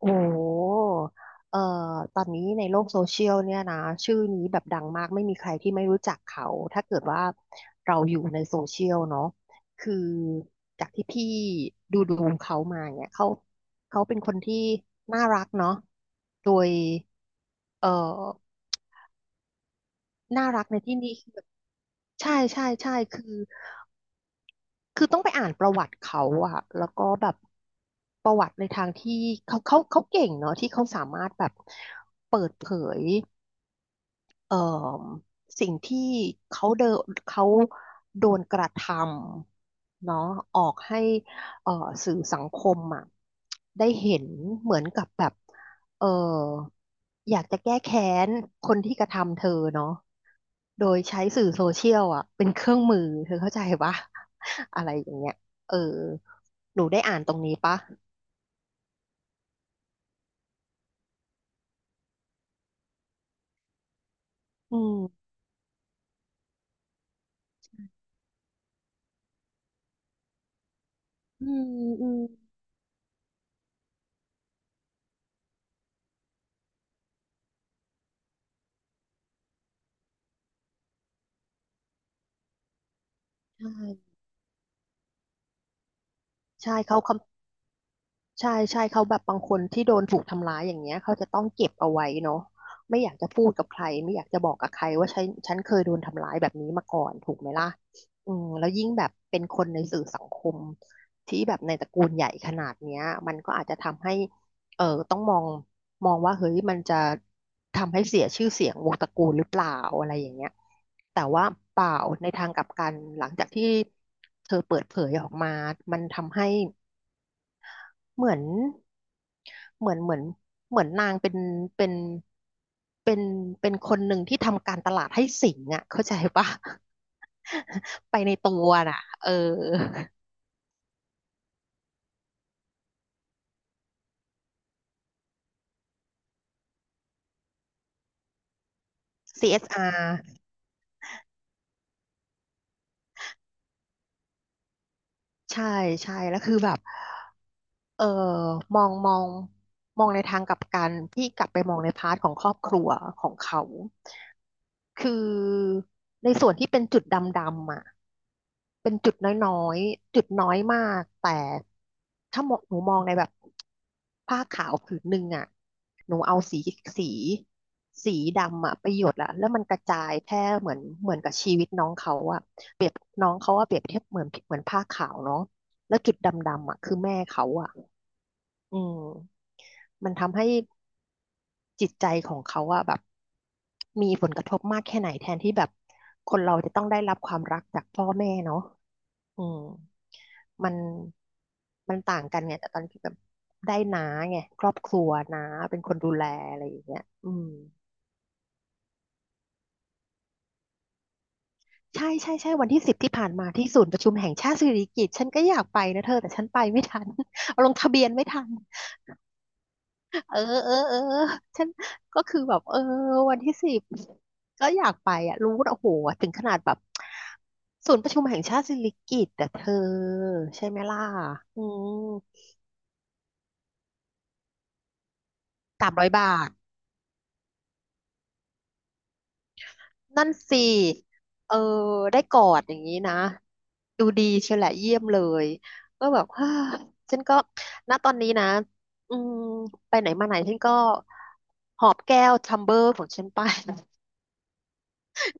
โอ้โหเอ่อตอนนี้ในโลกโซเชียลเนี่ยนะชื่อนี้แบบดังมากไม่มีใครที่ไม่รู้จักเขาถ้าเกิดว่าเราอยู่ในโซเชียลเนาะคือจากที่พี่ดูเขามาเนี่ยเขาเป็นคนที่น่ารักเนาะโดยเอ่อน่ารักในที่นี้คือแบบใช่ใช่ใช่คือ คือต้องไปอ่านประวัติเขาอะแล้วก็แบบประวัติในทางที่เขาเก่งเนาะที่เขาสามารถแบบเปิดเผย เอ่อสิ่งที่เขาเดนเขาโดนกระทำเนาะออกให้เอ่อสื่อสังคมอ่ะได้เห็นเหมือนกับแบบเอ่ออยากจะแก้แค้นคนที่กระทำเธอเนาะโดยใช้สื่อโซเชียลอ่ะเป็นเครื่องมือเธอเข้าใจปะ อะไรอย่างเงี้ยเออหนูได้อ่านตรงนี้ปะอืมอืมอืมใช่ใช่เขาคำ ใช่ใช่เขาแบบบางคนที่โดนถูกทำร้ายอย่างเงี้ยเขาจะต้องเก็บเอาไว้เนาะไม่อยากจะพูดกับใครไม่อยากจะบอกกับใครว่าฉันเคยโดนทำร้ายแบบนี้มาก่อนถูกไหมล่ะอืมแล้วยิ่งแบบเป็นคนในสื่อสังคมที่แบบในตระกูลใหญ่ขนาดเนี้ยมันก็อาจจะทำให้เออต้องมองว่าเฮ้ยมันจะทำให้เสียชื่อเสียงวงตระกูลหรือเปล่าอะไรอย่างเงี้ยแต่ว่าเปล่าในทางกลับกันหลังจากที่เธอเปิดเผยออกมามันทำให้ เหมือนเหมือนเหมือนเหมือนนางเป็นเป็นเป็นเป็นคนหนึ่งที่ทำการตลาดให้สิงห์อ่ะเข้าใจปะ ไปในตัวน่ะเออ CSR ใช่ใช่ แล้วคือแบบเออมองมองมองในทางกลับกันพี่กลับไปมองในพาร์ทของครอบครัวของเขา คือในส่วนที่เป็นจุดดำๆอ่ะเป็นจุดน้อยๆจุดน้อยมากแต่ถ้ามองหนูมองในแบบผ้าขาวผืนหนึ่งอ่ะหนูเอาสีสีดำอ่ะไปหยดละแล้วมันกระจายแพร่เหมือนกับชีวิตน้องเขาอ่ะเปรียบน้องเขาอ่ะเปรียบเทียบเหมือนผ้าขาวเนาะแล้วจุดดำๆอ่ะคือแม่เขาอ่ะอืม มันทำให้จิตใจของเขาอะแบบมีผลกระทบมากแค่ไหนแทนที่แบบคนเราจะต้องได้รับความรักจากพ่อแม่เนาะอืมมันมันต่างกันไงแต่ตอนที่แบบได้น้าไงครอบครัวน้าเป็นคนดูแลอะไรอย่างเงี้ยอืมใช่ใช่ใช่วันที่สิบที่ผ่านมาที่ศูนย์ประชุมแห่งชาติสิริกิติ์ฉันก็อยากไปนะเธอแต่ฉันไปไม่ทัน เอาลงทะเบียนไม่ทัน เออเออ ฉันก็คือแบบเออวันที่สิบก็อยากไปอ่ะรู้นะโอ้โหถึงขนาดแบบศูนย์ประชุมแห่งชาติสิริกิติ์แต่เธอใช่ไหมล่ะอืม300 บาทนั่นสิเออได้กอดอย่างนี้นะดูดีเชียวแหละเยี่ยมเลยก็แบบ ฮ่าฉันก็ณตอนนี้นะอืมไปไหนมาไหนฉันก็หอบแก้วทัมเบอร์ของฉันไป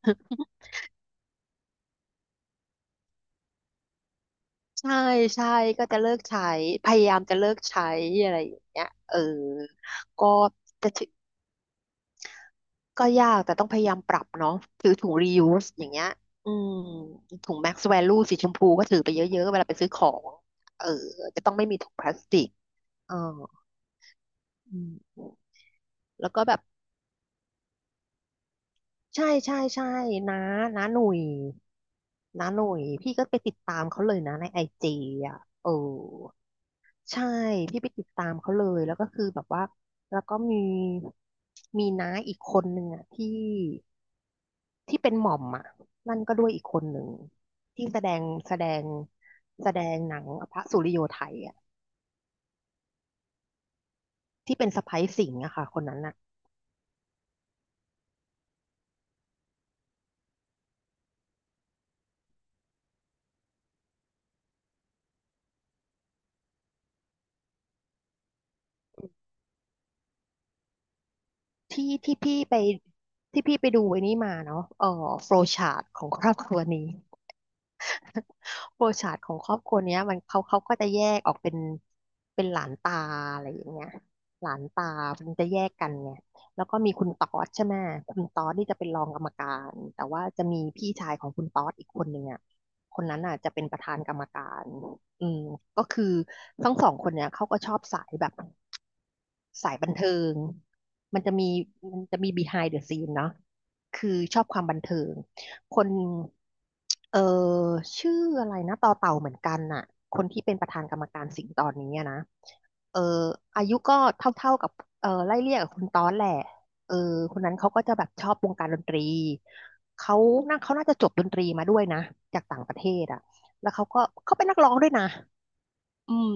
ใช่ใช่ก็จะเลิกใช้พยายามจะเลิกใช้อะไรอย่างเงี้ยเออก็แต่ถึก็ยากแต่ต้องพยายามปรับเนาะถือถุง reuse อย่างเงี้ยอืมถุง max value สีชมพูก็ถือไปเยอะๆเวลาไปซื้อของเออจะต้องไม่มีถุงพลาสติกอออืมแล้วก็แบบใช่ใช่ใช่นะนะหนุ่ยนะหนุ่ยพี่ก็ไปติดตามเขาเลยนะในไอจีอ่ะเออ ใช่พี่ไปติดตามเขาเลยแล้วก็คือแบบว่าแล้วก็มีน้าอีกคนหนึ่งอ่ะที่เป็นหม่อมอ่ะนั่นก็ด้วยอีกคนหนึ่งที่แสดงแสดงหนังพระสุริโยไทยอ่ะที่เป็นสะใภ้สิงห์อะค่ะคนนั้นอ่ะที่ที่พี่ไปที่พี่ไปดูไอ้นี่มาเนาะเออโฟลว์ชาร์ตของครอบครัวนี้ โปรชาร์ตของครอบครัวเนี้ยมันเขาก็จะแยกออกเป็นเป็นหลานตาอะไรอย่างเงี้ยหลานตามันจะแยกกันไงแล้วก็มีคุณต๊อดใช่ไหมคุณต๊อดนี่จะเป็นรองกรรมการแต่ว่าจะมีพี่ชายของคุณต๊อดอีกคนหนึ่งอ่ะคนนั้นอ่ะจะเป็นประธานกรรมการอืมก็คือทั้งสองคนเนี้ยเขาก็ชอบสายแบบสายบันเทิงมันจะมีมันจะมี behind the scene เนาะคือชอบความบันเทิง คนเออชื่ออะไรนะต่อเต่าเหมือนกันน่ะคนที่เป็นประธานกรรมการสิงห์ตอนนี้อะนะเอออายุก็เท่าๆกับไล่เลี่ยกับคุณตอนแหละเออคนนั้นเขาก็จะแบบชอบวงการดนตรีเขาน่าเขาน่าจะจบดนตรีมาด้วยนะจากต่างประเทศอ่ะแล้วเขาก็เขาเป็นนักร้องด้วยนะอืม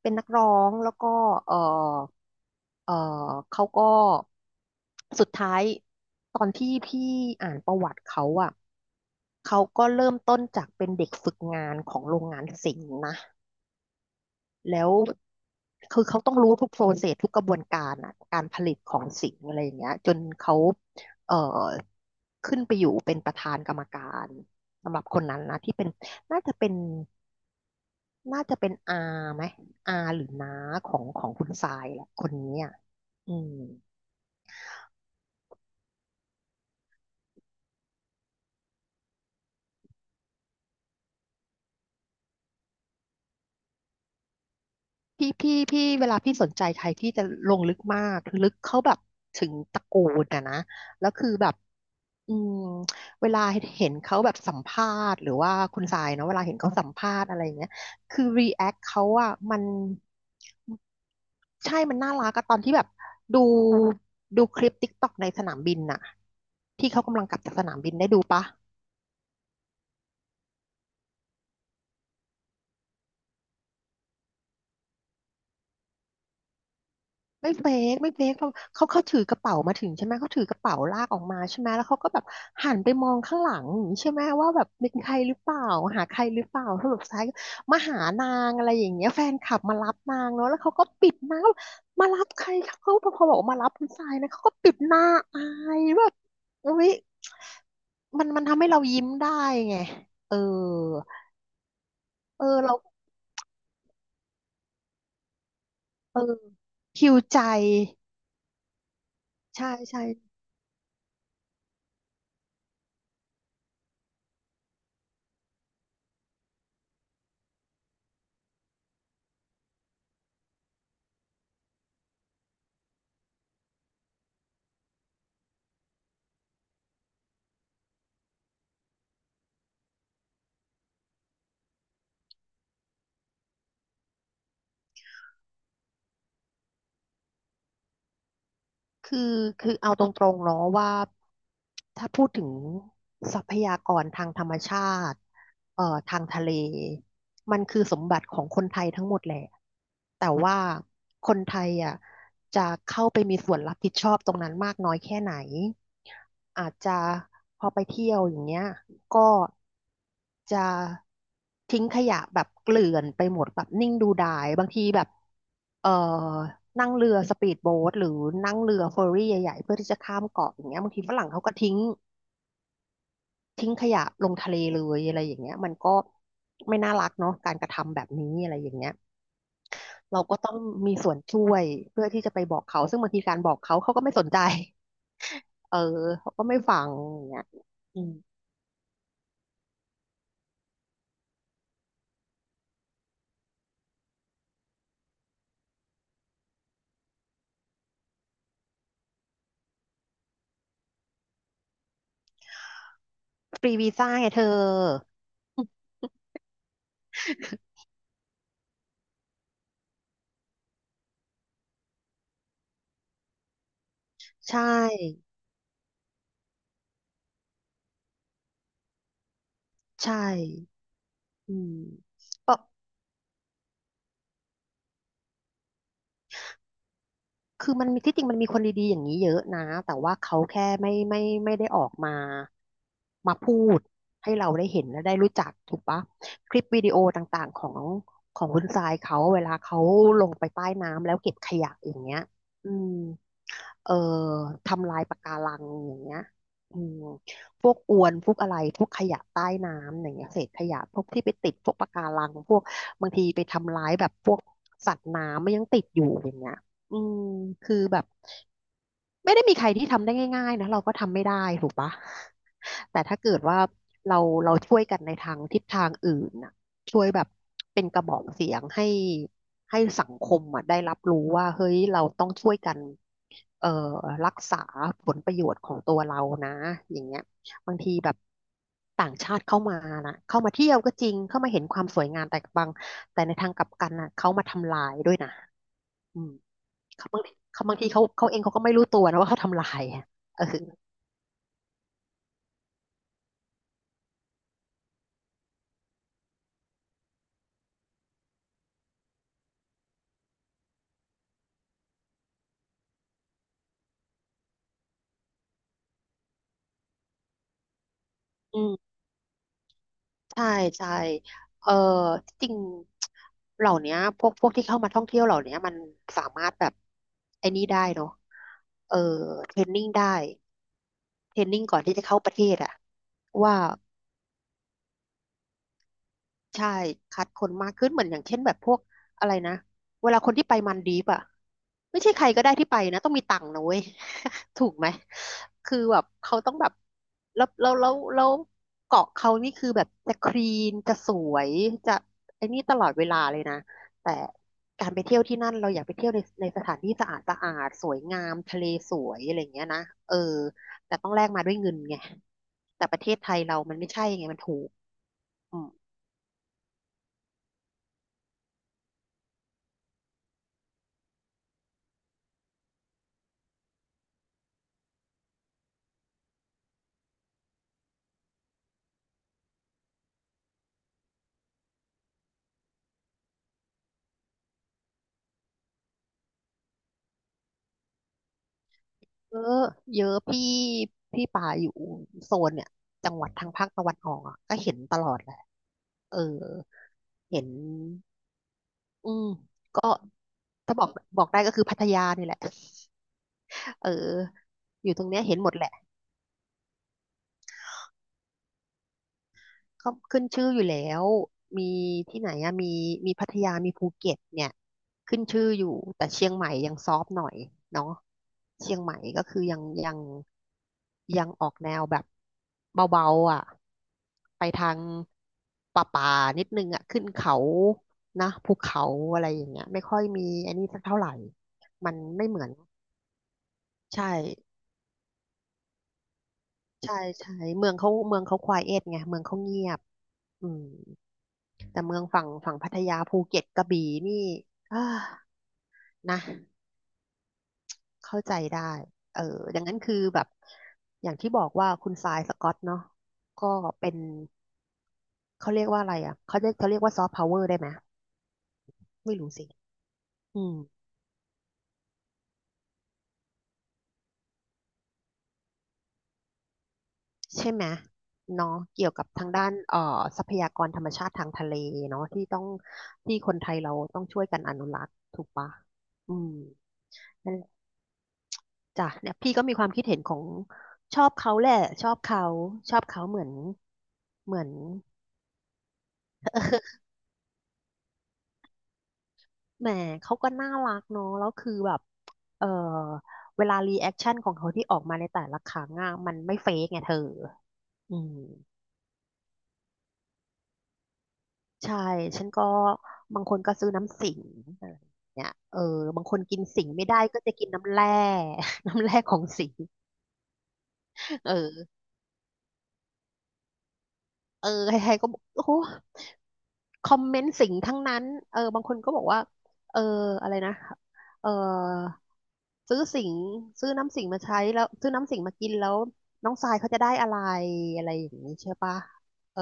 เป็นนักร้องแล้วก็เออ เออเขาก็สุดท้ายตอนที่พี่อ่านประวัติเขาอ่ะเขาก็เริ่มต้นจากเป็นเด็กฝึกงานของโรงงานสิงห์นะแล้วคือเขาต้องรู้ทุกโปรเซสทุกกระบวนการอ่ะการผลิตของสิงห์อะไรอย่างเงี้ยจนเขาเอ่อขึ้นไปอยู่เป็นประธานกรรมการสำหรับคนนั้นนะที่เป็นน่าจะเป็นน่าจะเป็นอาไหมอาหรือน้าของของคุณทรายแหละคนนี้อ่ะอืม พี่เวลาพี่สนใจใครที่จะลงลึกมากลึกเขาแบบถึงตระกูลอะนะแล้วคือแบบอืมเวลาเห็นเขาแบบสัมภาษณ์หรือว่าคุณสายเนาะเวลาเห็นเขาสัมภาษณ์อะไรอย่างเงี้ยคือรีแอคเขาอะมันใช่มันน่ารักอะตอนที่แบบดูดูคลิปติ๊กต็อกในสนามบินน่ะที่เขากำลังกลับจากสนามบินได้ดูปะ ไม่เฟกไม่เฟกเพราะเขาถือกระเป๋ามาถึงใช่ไหมเขาถือกระเป๋าลากออกมาใช่ไหมแล้วเขาก็แบบหันไปมองข้างหลังอย่างนี้ใช่ไหมว่าแบบเป็นใครหรือเปล่าหาใครหรือเปล่าสรุปท้ายก็มาหานางอะไรอย่างเงี้ยแฟนคลับมารับนางเนาะแล้วเขาก็ปิดหน้ามารับใครครับเขาพอบอกว่ามารับคุณทรายนะเขาก็ปิดหน้าอายแบบอุ๊ยมันทำให้เรายิ้มได้ไงเออเราเออคิวใจใช่ใช่ คือคือเอาตรงๆเนาะว่าถ้าพูดถึงทรัพยากรทางธรรมชาติเอ่อทางทะเลมันคือสมบัติของคนไทยทั้งหมดแหละแต่ว่าคนไทยอ่ะจะเข้าไปมีส่วนรับผิดชอบตรงนั้นมากน้อยแค่ไหนอาจจะพอไปเที่ยวอย่างเงี้ย ก็จะทิ้งขยะแบบเกลื่อนไปหมดแบบนิ่งดูดายบางทีแบบเอ่อนั่งเรือสปีดโบ๊ทหรือนั่งเรือเฟอร์รี่ใหญ่ๆเพื่อที่จะข้ามเกาะอย่างเงี้ยบางทีฝรั่งเขาก็ทิ้งขยะลงทะเลเลยอะไรอย่างเงี้ยมันก็ไม่น่ารักเนาะการกระทำแบบนี้อะไรอย่างเงี้ยเราก็ต้องมีส่วนช่วยเพื่อที่จะไปบอกเขาซึ่งบางทีการบอกเขาเขาก็ไม่สนใจเออเขาก็ไม่ฟังอย่างเงี้ยอืมฟรีวีซ่าไงเธอใช่ ใช่อืมปะคือมันมีที่จริงมันมีคนดีๆอย่างนี้เยอะนะ แต่ว่าเขาแค่ไม่ไม่ได้ออกมา มาพูดให้เราได้เห็นและได้รู้จักถูกปะคลิปวิดีโอต่างๆของของคุณทรายเขาเวลาเขาลงไปใต้น้ำแล้วเก็บขยะอย่างเงี้ยอืม เอ่อทำลายปะการังอย่างเงี้ยอืมพวกอวนพวกอะไรพวกขยะใต้น้ำอย่างเงี้ยเศษขยะพวกที่ไปติดพวกปะการังพวกบางทีไปทำร้ายแบบพวกสัตว์น้ำมันยังติดอยู่อย่างเงี้ยอืมคือแบบไม่ได้มีใครที่ทำได้ง่ายๆนะเราก็ทำไม่ได้ถูกปะแต่ถ้าเกิดว่าเราเราช่วยกันในทางทิศทางอื่นนะ ช่วยแบบเป็นกระบอกเสียงให้ให้สังคมอ่ะได้รับรู้ว่าเฮ้ยเราต้องช่วยกันเอ่อรักษาผลประโยชน์ของตัวเรานะอย่างเงี้ยบางทีแบบต่างชาติเข้ามานะเข้ามาเที่ยวก็จริงเข้ามาเห็นความสวยงามแต่บางแต่ในทางกลับกันน่ะเขามาทำลายด้วยนะอืมเขาบางทีเขาบางทีเขาเขาเองเขาก็ไม่รู้ตัวนะว่าเขาทำลายอะเอออืม ใช่ใช่เออที่จริงเหล่าเนี้ยพวกพวกที่เข้ามาท่องเที่ยวเหล่าเนี้ยมันสามารถแบบไอ้นี่ได้เนาะเออ เทรนนิ่งได้ เทรนนิ่งก่อนที่จะเข้าประเทศอะว่า ใช่คัดคนมากขึ้นเหมือนอย่างเช่นแบบพวกอะไรนะเวลาคนที่ไปมันดีฟอ่ะไม่ใช่ใครก็ได้ที่ไปนะต้องมีตังค์นะเว้ย ถูกไหมคือแบบเขาต้องแบบแล้วเกาะเขานี่คือแบบจะคลีนจะสวยจะไอ้นี่ตลอดเวลาเลยนะแต่การไปเที่ยวที่นั่นเราอยากไปเที่ยวในในสถานที่สะอาดสะอาดสวยงามทะเลสวยอะไรอย่างเงี้ยนะเออแต่ต้องแลกมาด้วยเงินไงแต่ประเทศไทยเรามันไม่ใช่ไงมันถูกอืม เยอะเยอะพี่ป่าอยู่โซนเนี่ยจังหวัดทางภาคตะวันออกอ่ะก็เห็นตลอดแหละเออเห็นอืมก็ถ้าบอกบอกได้ก็คือพัทยานี่แหละเอออยู่ตรงเนี้ยเห็นหมดแหละ ก็ขึ้นชื่ออยู่แล้ว มีที่ไหนอะมีมีพัทยามีภูเก็ตเนี่ยขึ้นชื่ออยู่แต่เชียงใหม่ยังซอฟต์หน่อยเนาะเชียงใหม่ก็คือยังยังออกแนวแบบเบาๆอ่ะไปทางป่านิดนึงอ่ะขึ้นเขานะภูเขาอะไรอย่างเงี้ยไม่ค่อยมีอันนี้สักเท่าไหร่มันไม่เหมือนใช่ใช่ใช่เมืองเขาควายเอทไงเมืองเขาเงียบอืม แต่เมืองฝั่งพัทยาภูเก็ตกระบี่นี่อ่านะเข้าใจได้เออดังนั้นคือแบบอย่างที่บอกว่าคุณทรายสกอตเนาะก็เป็นเขาเรียกว่าอะไรอ่ะเขาเรียกว่าซอฟต์พาวเวอร์ได้ไหมไม่รู้สิอืมใช่ไหมเนาะเกี่ยวกับทางด้านทรัพยากรธรรมชาติทางทะเลเนาะที่ต้องที่คนไทยเราต้องช่วยกันอนุรักษ์ถูกปะอืม่ จ้ะเนี่ยพี่ก็มีความคิดเห็นของชอบเขาแหละชอบเขาชอบเขาเหมือนเหมือนแหมเขาก็น่ารักเนาะแล้วคือแบบเออเวลารีแอคชั่นของเขาที่ออกมาในแต่ละครั้งอ่ะมันไม่เฟกไงเธออืมใช่ฉันก็บางคนก็ซื้อน้ำสิงอะไรอย่างเนี่ยเออบางคนกินสิงไม่ได้ก็จะกินน้ำแร่ น้ำแร่ของสิงเออใครๆก็บอกโอ้โห คอมเมนต์สิ่งทั้งนั้นเออบางคนก็บอกว่าเอออะไรนะเออซื้อสิงซื้อน้ำสิงมากินแล้วน้องทรายเขาจะได้อะไรอะไรอย่างนี้ใช่ปะเออ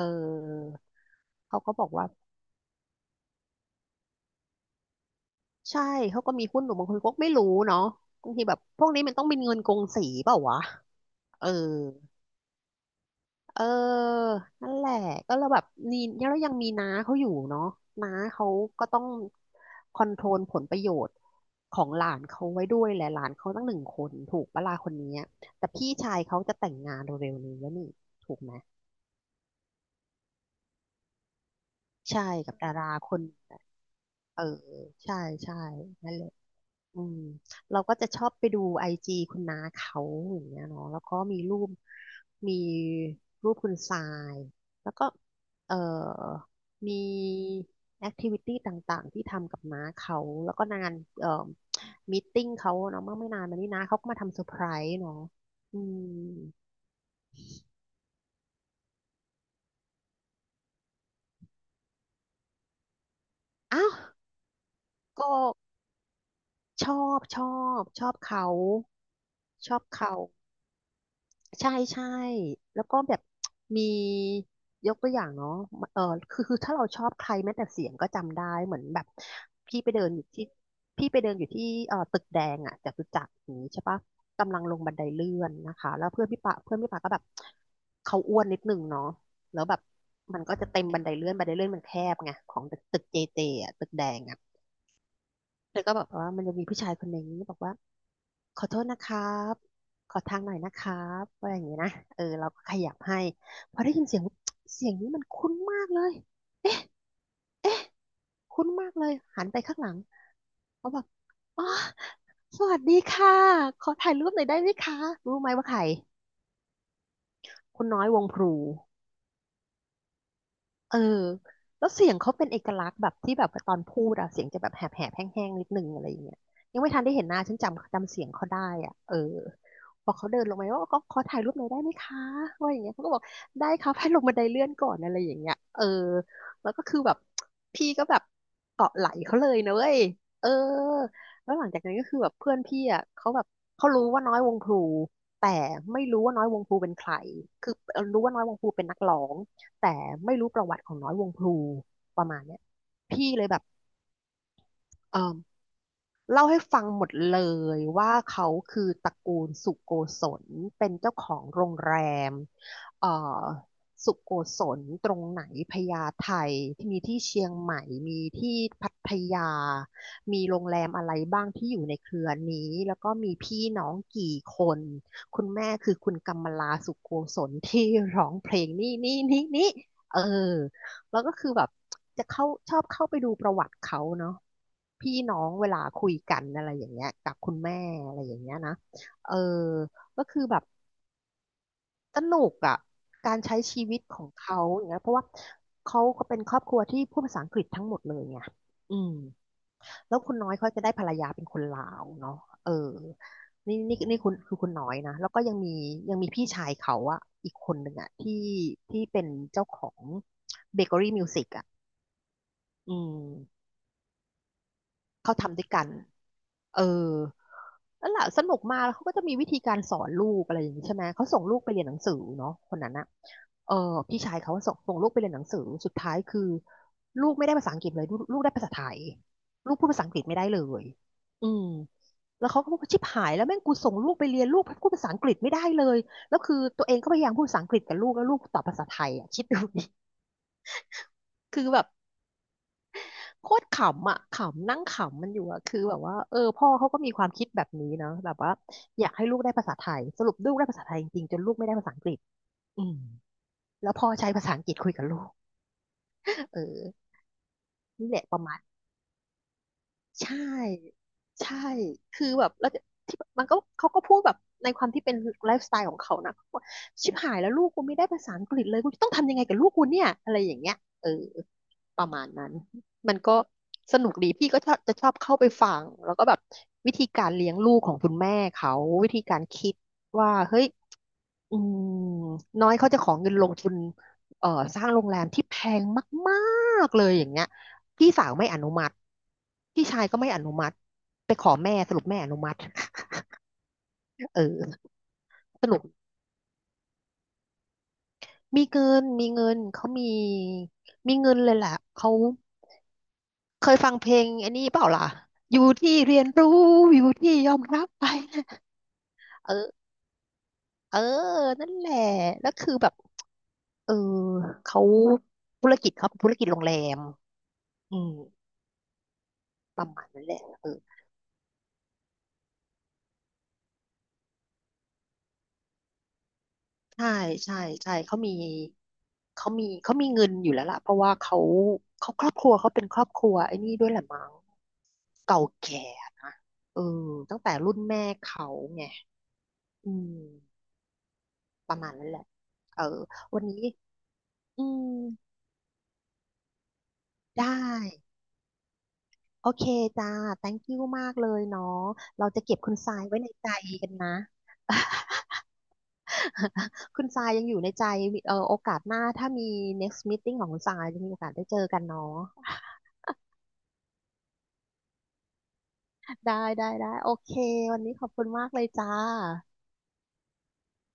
เขาก็บอกว่า ใช่เขาก็มีหุ้นอยู่บางคนก็ไม่รู้เนาะบางทีแบบพวกนี้มันต้องเป็นเงินกงสีเปล่าวะเออ เออ นั่นแหละ ก็เราแบบนี่แล้วยังมีน้าเขาอยู่เนาะน้าเขาก็ต้องคอนโทรลผลประโยชน์ของหลานเขาไว้ด้วยแหละหลานเขาตั้งหนึ่งคนถูกปะล่ะคนนี้ แต่พี่ชายเขาจะแต่งงานเร็วๆนี้แล้วนี่ถูกไหมใช่กับดาราคนเออใช่ใช่นั่นแหละ อืมเราก็จะชอบไปดูไอจีคุณน้าเขาอย่างเงี้ยเนาะแล้วก็มีรูปมีรูปคุณทรายแล้วก็เอ่อมีแอคทิวิตี้ต่างๆที่ทำกับน้าเขาแล้วก็งานเอ่อมีตติ้งเขาเนาะเมื่อไม่นานมานี้น้าเขาก็มาทำเซอร์ไพรส์เนาะอืมอ้าวก็ชอบชอบเขาชอบเขา ใช่แล้วก็แบบมียกตัวอย่างเนาะเออคือถ้าเราชอบใครแม้แต่เสียงก็จำได้เหมือนแบบพี่ไปเดินอยู่ที่พี่ไปเดินอยู่ที่ตึกแดงอ่ะจตุจักรอย่างนี้ใช่ปะกำลังลงบันไดเลื่อนนะคะแล้วเพื่อนพี่ปะก็แบบเขาอ้วนนิดหนึ่งเนาะแล้วแบบมันก็จะเต็มบันไดเลื่อนบันไดเลื่อนมันแคบไงของตึกเจเจอ่ะตึกแดงอ่ะ แล้วก็บอกว่ามันจะมีผู้ชายคนหนึ่งบอกว่าขอโทษนะครับขอทางหน่อยนะครับอะไรอย่างเงี้ยนะเออเราก็ขยับให้พอได้ยินเสียงเสียงนี้มันคุ้นมากเลยเอ๊ะคุ้นมากเลยหันไปข้างหลังเขาบอกอ๋อสวัสดีค่ะขอถ่ายรูปหน่อยได้ไหมคะรู้ไหมว่าใครคุณน้อยวงพลู เออแล้วเสียงเขาเป็นเอกลักษณ์แบบที่แบบตอนพูดอะเสียงจะแบบแหบแห้งๆนิดนึงอะไรอย่างเงี้ยยังไม่ทันได้เห็นหน้าฉันจำเสียงเขาได้อ่ะเออพอเขาเดินลงมาว่าก็ขอถ่ายรูปหน่อยได้ไหมคะว่าอย่างเงี้ยเขาก็บอกได้ครับให้ลงบันไดเลื่อนก่อนอะไรอย่างเงี้ยเออแล้วก็คือแบบพี่ก็แบบเกาะไหล่เขาเลยนะเว้ยเออแล้วหลังจากนั้นก็คือแบบเพื่อนพี่อ่ะเขาแบบเขารู้ว่าน้อยวงพลูแต่ไม่รู้ว่าน้อยวงพลูเป็นใครคือรู้ว่าน้อยวงพลูเป็นนักร้อง แต่ไม่รู้ประวัติของน้อยวงพลูประมาณเนี้ยพี่เลยแบบเออ เล่าให้ฟังหมดเลยว่าเขาคือตระกูลสุโกศลเป็นเจ้าของโรงแรมเอ่อสุโกศลตรงไหนพญาไทที่มีที่เชียงใหม่มีที่พัทยามีโรงแรมอะไรบ้างที่อยู่ในเครือนี้แล้วก็มีพี่น้องกี่คนคุณแม่คือคุณกำมลาสุโกศลที่ร้องเพลงนี่เออแล้วก็คือแบบ จะเข้าชอบเข้าไปดูประวัติเขาเนาะพี่น้องเวลาคุยกันอะไรอย่างเงี้ยกับคุณแม่อะไรอย่างเงี้ยนะเออก็คือแบบสนุกอ่ะการใช้ชีวิตของเขาอย่างเงี้ยเพราะว่าเขาก็เป็นครอบครัวที่พูดภาษาอังกฤษทั้งหมดเลยไงอืมแล้วคุณน้อยเขาจะได้ภรรยาเป็นคนลาวเนาะเออนี่นี่นี่คุณคือคุณน้อยนะแล้วก็ยังมียังมีพี่ชายเขาอะอีกคนหนึ่งอะที่ที่เป็นเจ้าของเบเกอรี่มิวสิกอะอืม เขาทำด้วยกันเออนั่นแหละสนุกมากแล้วเขาก็จะมีวิธีการสอนลูกอะไรอย่างนี้ใช่ไหมเขาส่งลูกไปเรียนหนังสือเนาะคนนั้นอะเออพี่ชายเขาส่งลูกไปเรียนหนังสือสุดท้ายคือลูกไม่ได้ภาษาอังกฤษเลยลูกได้ภาษาไทยลูกพูดภาษาอังกฤษไม่ได้เลยอืมแล้วเขาก็บอกว่าชิบหายแล้วแม่งกูส่งลูกไปเรียนลูกพูดภาษาอังกฤษไม่ได้เลยแล้วคือตัวเองก็พยายามพูดภาษาอังกฤษกับลูกแล้วลูกตอบภาษาไทยอ่ะคิดดูดิคือแบบ โคตรขำอ่ะขำนั่งขำมันอยู่อ่ะคือแบบว่าเออพ่อเขาก็มีความคิดแบบนี้เนาะแบบว่าอยากให้ลูกได้ภาษาไทยสรุปลูกได้ภาษาไทยจริงๆจนลูกไม่ได้ภาษาอังกฤษอืมแล้วพ่อใช้ภาษาอังกฤษคุยกับลูกเออนี่แหละประมาณ ใช่ใช่คือแบบแล้วที่มันก็เขาก็พูดแบบในความที่เป็นไลฟ์สไตล์ของเขานะเขาบอกชิบหายแล้วลูกกูไม่ได้ภาษาอังกฤษเลยกูจะต้องทำยังไงกับลูกกูเนี่ยอะไรอย่างเงี้ยเออประมาณนั้น มันก็สนุกดีพี่ก็ชอบจะชอบเข้าไปฟังแล้วก็แบบวิธีการเลี้ยงลูกของคุณแม่เขาวิธีการคิดว่าเฮ้ย อืมน้อยเขาจะขอเงินลงทุนเอ่อสร้างโรงแรมที่แพงมากๆเลยอย่างเงี้ยพี่สาวไม่อนุมัติพี่ชายก็ไม่อนุมัติไปขอแม่สรุปแม่อนุมัติ เออสรุปมีเงินมีเงินเขามีมีเงินเลยแหละเขาเคยฟังเพลงอันนี้เปล่าล่ะอยู่ที่เรียนรู้อยู่ที่ยอมรับไป เออเออนั่นแหละแล้วคือแบบเออเขาธุรกิจเขาเป็นธุรกิจโรงแรมอืม ประมาณนั้นแหละเออใช่ใช่ใช่เขามีเขามีเงินอยู่แล้วล่ะเพราะว่าเขาเขาครอบครัวเขาเป็นครอบครัวไอ้นี่ด้วยแหละมั้งเก่าแก่เออตั้งแต่รุ่นแม่เขาไงอืมประมาณนั้นแหละเออวันนี้อืมได้โอเคจ้า thank you มากเลยเนาะเราจะเก็บคุณทรายไว้ในใจกันนะ คุณทรายยังอยู่ในใจเออโอกาสหน้าถ้ามี next meeting ของคุณทรายจะมีโอกาสได้เจอกันเนาะ ได้ได้ได้โอเควันนี้ขอบคุณมากเลยจ้า